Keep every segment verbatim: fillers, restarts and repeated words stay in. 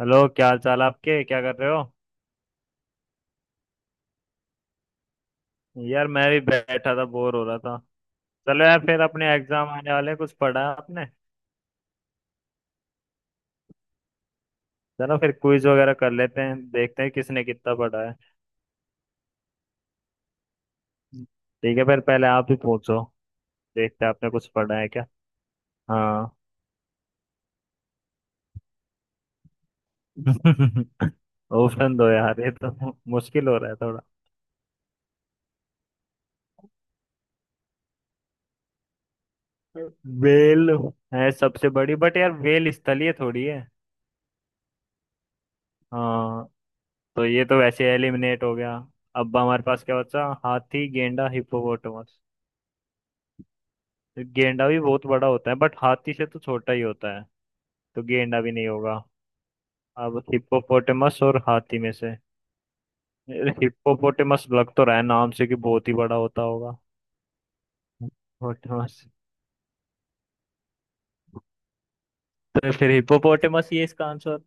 Hello, क्या हाल चाल आपके? क्या कर रहे हो? यार मैं भी बैठा था, बोर हो रहा था। चलो यार, फिर अपने एग्जाम आने वाले हैं, कुछ पढ़ा है आपने? चलो फिर क्विज वगैरह कर लेते हैं, देखते हैं किसने कितना पढ़ा है। ठीक है फिर पहले आप ही पूछो। देखते हैं आपने कुछ पढ़ा है क्या। हाँ। ऑप्शन दो यार, ये तो मुश्किल हो रहा है थोड़ा। वेल है सबसे बड़ी, बट यार वेल स्थलीय थोड़ी है। हाँ, तो ये तो वैसे एलिमिनेट हो गया। अब हमारे पास क्या बचा? हाथी, गेंडा, हिप्पोपोटामस। गेंडा भी बहुत बड़ा होता है, बट हाथी से तो छोटा ही होता है। तो गेंडा भी नहीं होगा। अब हिप्पोपोटेमस और हाथी में से, हिप्पोपोटेमस लग तो रहा है नाम से कि बहुत ही बड़ा होता होगा। हिप्पोपोटेमस। तो फिर हिप्पोपोटेमस ही है इसका आंसर।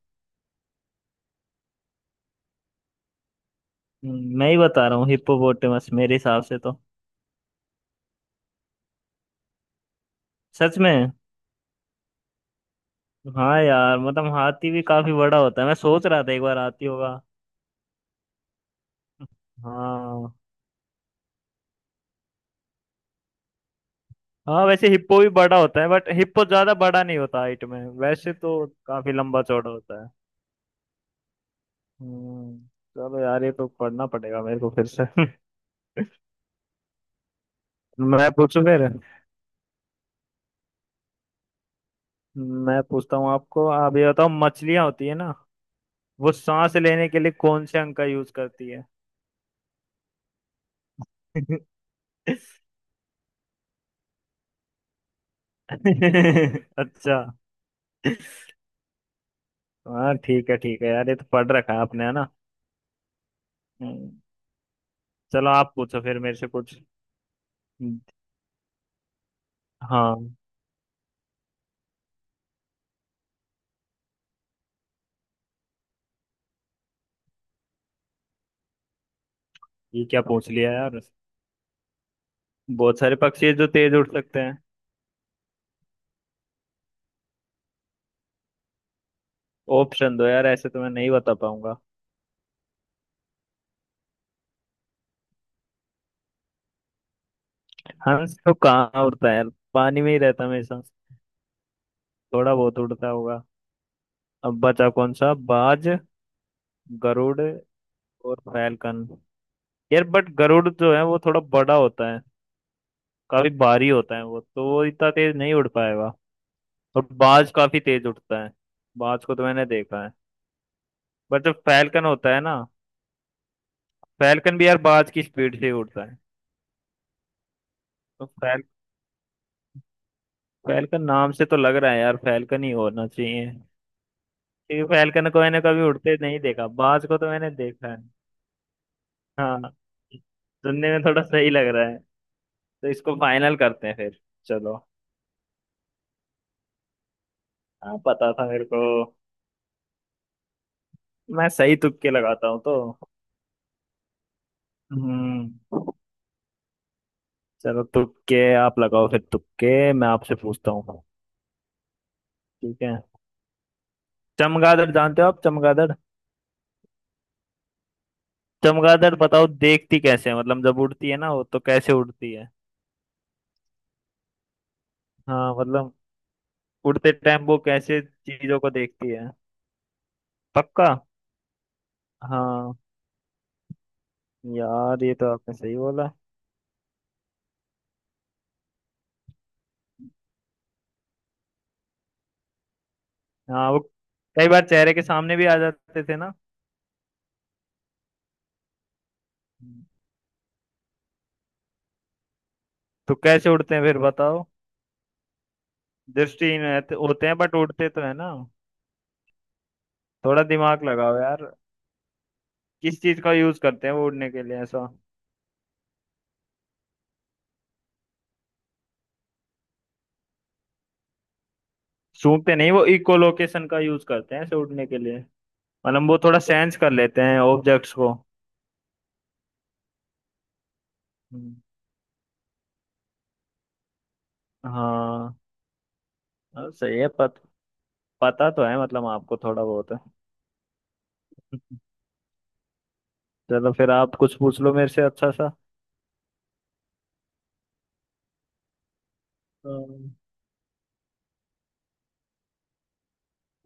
हम्म, मैं ही बता रहा हूँ, हिप्पोपोटेमस मेरे हिसाब से तो। सच में? हाँ यार, मतलब हाथी भी काफी बड़ा होता है, मैं सोच रहा था एक बार हाथी होगा। हाँ, हाँ वैसे हिप्पो भी बड़ा होता है, बट हिप्पो ज्यादा बड़ा नहीं होता हाइट में, वैसे तो काफी लंबा चौड़ा होता है। हम्म, चलो यार, ये तो पढ़ना पड़ेगा मेरे को फिर से। मैं पूछूं फिर। मैं पूछता हूँ आपको, आप ये बताओ, मछलियां होती है ना, वो सांस लेने के लिए कौन से अंग का यूज करती है? अच्छा। हाँ ठीक है, ठीक है यार, ये तो पढ़ रखा है आपने है ना। हम्म, चलो आप पूछो फिर मेरे से कुछ। हाँ। ये क्या पूछ लिया यार! बहुत सारे पक्षी हैं जो तेज उड़ सकते हैं। ऑप्शन दो यार, ऐसे तो मैं नहीं बता पाऊंगा। हंस तो कहाँ उड़ता है यार, पानी में ही रहता है हमेशा। थोड़ा बहुत उड़ता होगा। अब बचा कौन सा? बाज, गरुड़ और फैलकन। यार बट गरुड़ जो है वो थोड़ा बड़ा होता है, काफी भारी होता है वो, तो वो इतना तेज नहीं उड़ पाएगा। और बाज काफी तेज उड़ता है। बाज को तो मैंने देखा है। बट जो फैलकन होता है ना, फैलकन भी यार बाज की स्पीड से ही उड़ता है। तो फैल फैलकन नाम से तो लग रहा है यार, फैलकन ही होना चाहिए। क्योंकि फैलकन को मैंने कभी उड़ते नहीं देखा, बाज को तो मैंने देखा है। हाँ, सुनने में थोड़ा सही लग रहा है। तो इसको फाइनल करते हैं फिर। चलो। हाँ, पता था मेरे को। मैं सही तुक्के लगाता हूँ तो। हम्म। चलो तुक्के आप लगाओ फिर, तुक्के मैं आपसे पूछता हूँ। ठीक है। चमगादड़ जानते हो आप? चमगादड़, चमगादड़ बताओ देखती कैसे है, मतलब जब उड़ती है ना वो, तो कैसे उड़ती है? हाँ मतलब उड़ते टाइम वो कैसे चीजों को देखती है? पक्का? हाँ, यार ये तो आपने सही बोला। हाँ, वो कई बार चेहरे के सामने भी आ जाते थे ना। हम्म। तो कैसे उड़ते हैं फिर बताओ? दृष्टिहीन रहते- होते हैं बट उड़ते तो है ना। थोड़ा दिमाग लगाओ यार, किस चीज का यूज करते हैं वो उड़ने के लिए ऐसा? सूंघते नहीं, वो इकोलोकेशन का यूज करते हैं ऐसे उड़ने के लिए। मतलब वो थोड़ा सेंस कर लेते हैं ऑब्जेक्ट्स को। हम्म, हाँ। हाँ, सही है पत, पता तो है मतलब आपको थोड़ा बहुत है। चलो फिर आप कुछ पूछ लो मेरे से अच्छा सा। अम्म,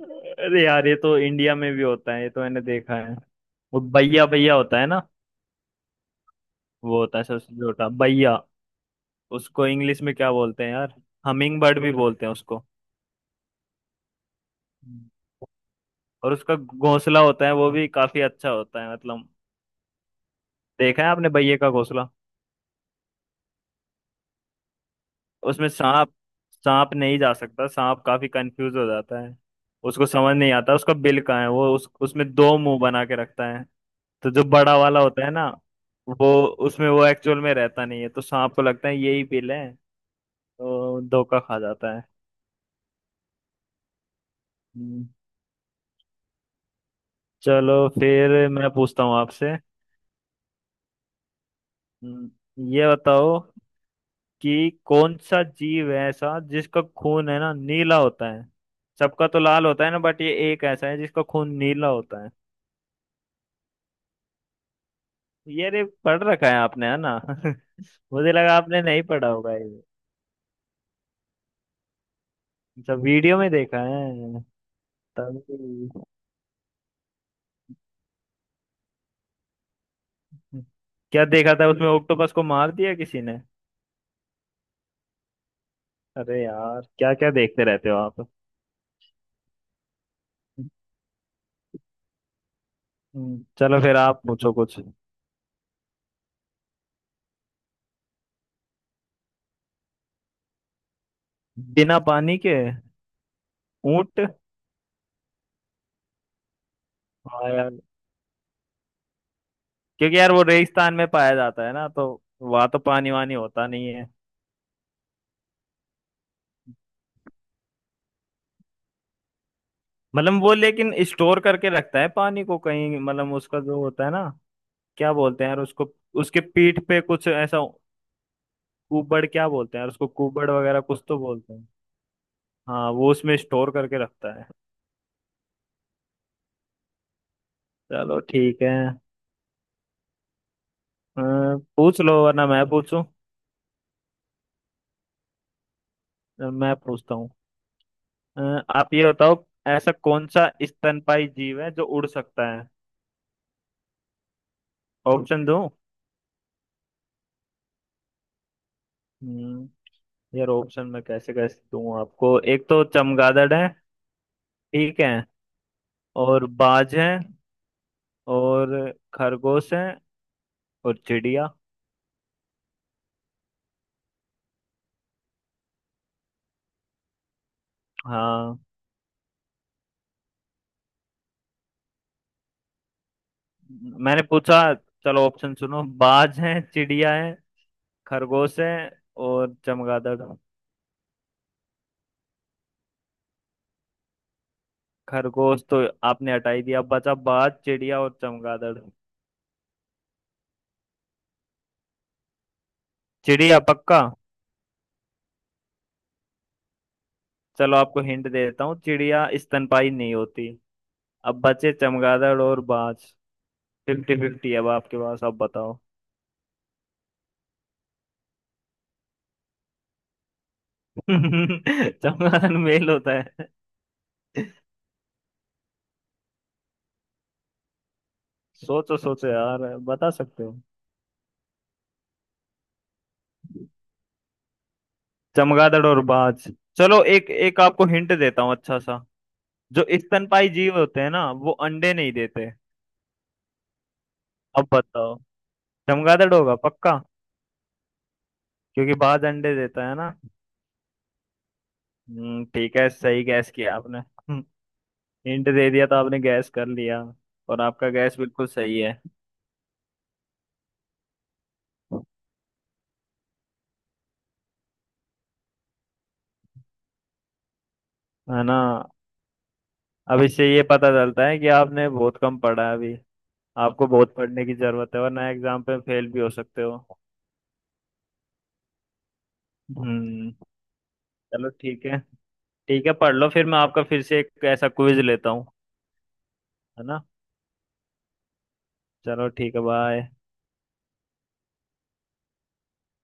अरे यार ये तो इंडिया में भी होता है, ये तो मैंने देखा है। वो भैया भैया होता है ना। वो होता है सबसे छोटा, भैया। उसको इंग्लिश में क्या बोलते हैं यार, हमिंग बर्ड भी बोलते हैं उसको। हम्म। और उसका घोंसला होता है वो भी काफी अच्छा होता है, मतलब देखा है आपने बैये का घोंसला? उसमें सांप, सांप नहीं जा सकता, सांप काफी कंफ्यूज हो जाता है। उसको समझ नहीं आता उसका बिल कहाँ है, वो उस उसमें दो मुंह बना के रखता है। तो जो बड़ा वाला होता है ना, वो उसमें वो एक्चुअल में रहता नहीं है, तो सांप को लगता है यही बिल है, तो धोखा खा जाता है। हम्म, चलो फिर मैं पूछता हूँ आपसे। हम्म, ये बताओ कि कौन सा जीव है ऐसा जिसका खून है ना नीला होता है? सबका तो लाल होता है ना, बट ये एक ऐसा है जिसका खून नीला होता है। ये रे, पढ़ रखा है आपने है ना। मुझे लगा आपने नहीं पढ़ा होगा ये। सब वीडियो में देखा है, तभी। क्या देखा था उसमें, ऑक्टोपस को मार दिया किसी ने? अरे यार क्या क्या देखते रहते हो आप। हम्म, चलो फिर आप पूछो कुछ। बिना पानी के? ऊंट। हाँ यार, क्योंकि यार वो रेगिस्तान में पाया जाता है ना, तो वहां तो पानी वानी होता नहीं है। मतलब वो लेकिन स्टोर करके रखता है पानी को कहीं, मतलब उसका जो होता है ना, क्या बोलते हैं यार उसको, उसके पीठ पे कुछ ऐसा, कुबड़ क्या बोलते हैं यार उसको, कुबड़ वगैरह कुछ तो बोलते हैं। हाँ, वो उसमें स्टोर करके रखता है। चलो ठीक है। अ, पूछ लो वरना मैं पूछूं। अ, मैं पूछता हूँ। अ, आप ये बताओ, ऐसा कौन सा स्तनपाई जीव है जो उड़ सकता है? ऑप्शन दो यार, ऑप्शन में कैसे कैसे दूं आपको, एक तो चमगादड़ है, ठीक है, और बाज है, और खरगोश है, और चिड़िया। हाँ मैंने पूछा। चलो ऑप्शन सुनो, बाज है, चिड़िया है, खरगोश है और चमगादड़। खरगोश तो आपने हटा ही दिया, बचा बाज, चिड़िया और चमगादड़। चिड़िया पक्का? चलो आपको हिंट दे देता हूँ, चिड़िया स्तनपाई नहीं होती। अब बचे चमगादड़ और बाज। फिफ्टी फिफ्टी अब आपके पास, अब बताओ। चमगादड़ मेल होता है? सोचो सोचो यार, बता सकते हो। चमगादड़ और बाज। चलो एक एक आपको हिंट देता हूँ अच्छा सा। जो स्तनपाई जीव होते हैं ना, वो अंडे नहीं देते। अब बताओ। चमगादड़ होगा पक्का, क्योंकि बाज अंडे देता है ना। हम्म ठीक है, सही गैस किया आपने। हम्म, हिंट दे दिया तो आपने गैस कर लिया। और आपका गैस बिल्कुल सही है। है ना। अब इससे ये पता चलता है कि आपने बहुत कम पढ़ा है अभी, आपको बहुत पढ़ने की जरूरत है, वरना एग्जाम पे फेल भी हो सकते हो। हम्म। चलो ठीक है, ठीक है पढ़ लो, फिर मैं आपका फिर से एक ऐसा क्विज लेता हूँ। है ना। चलो ठीक है, बाय।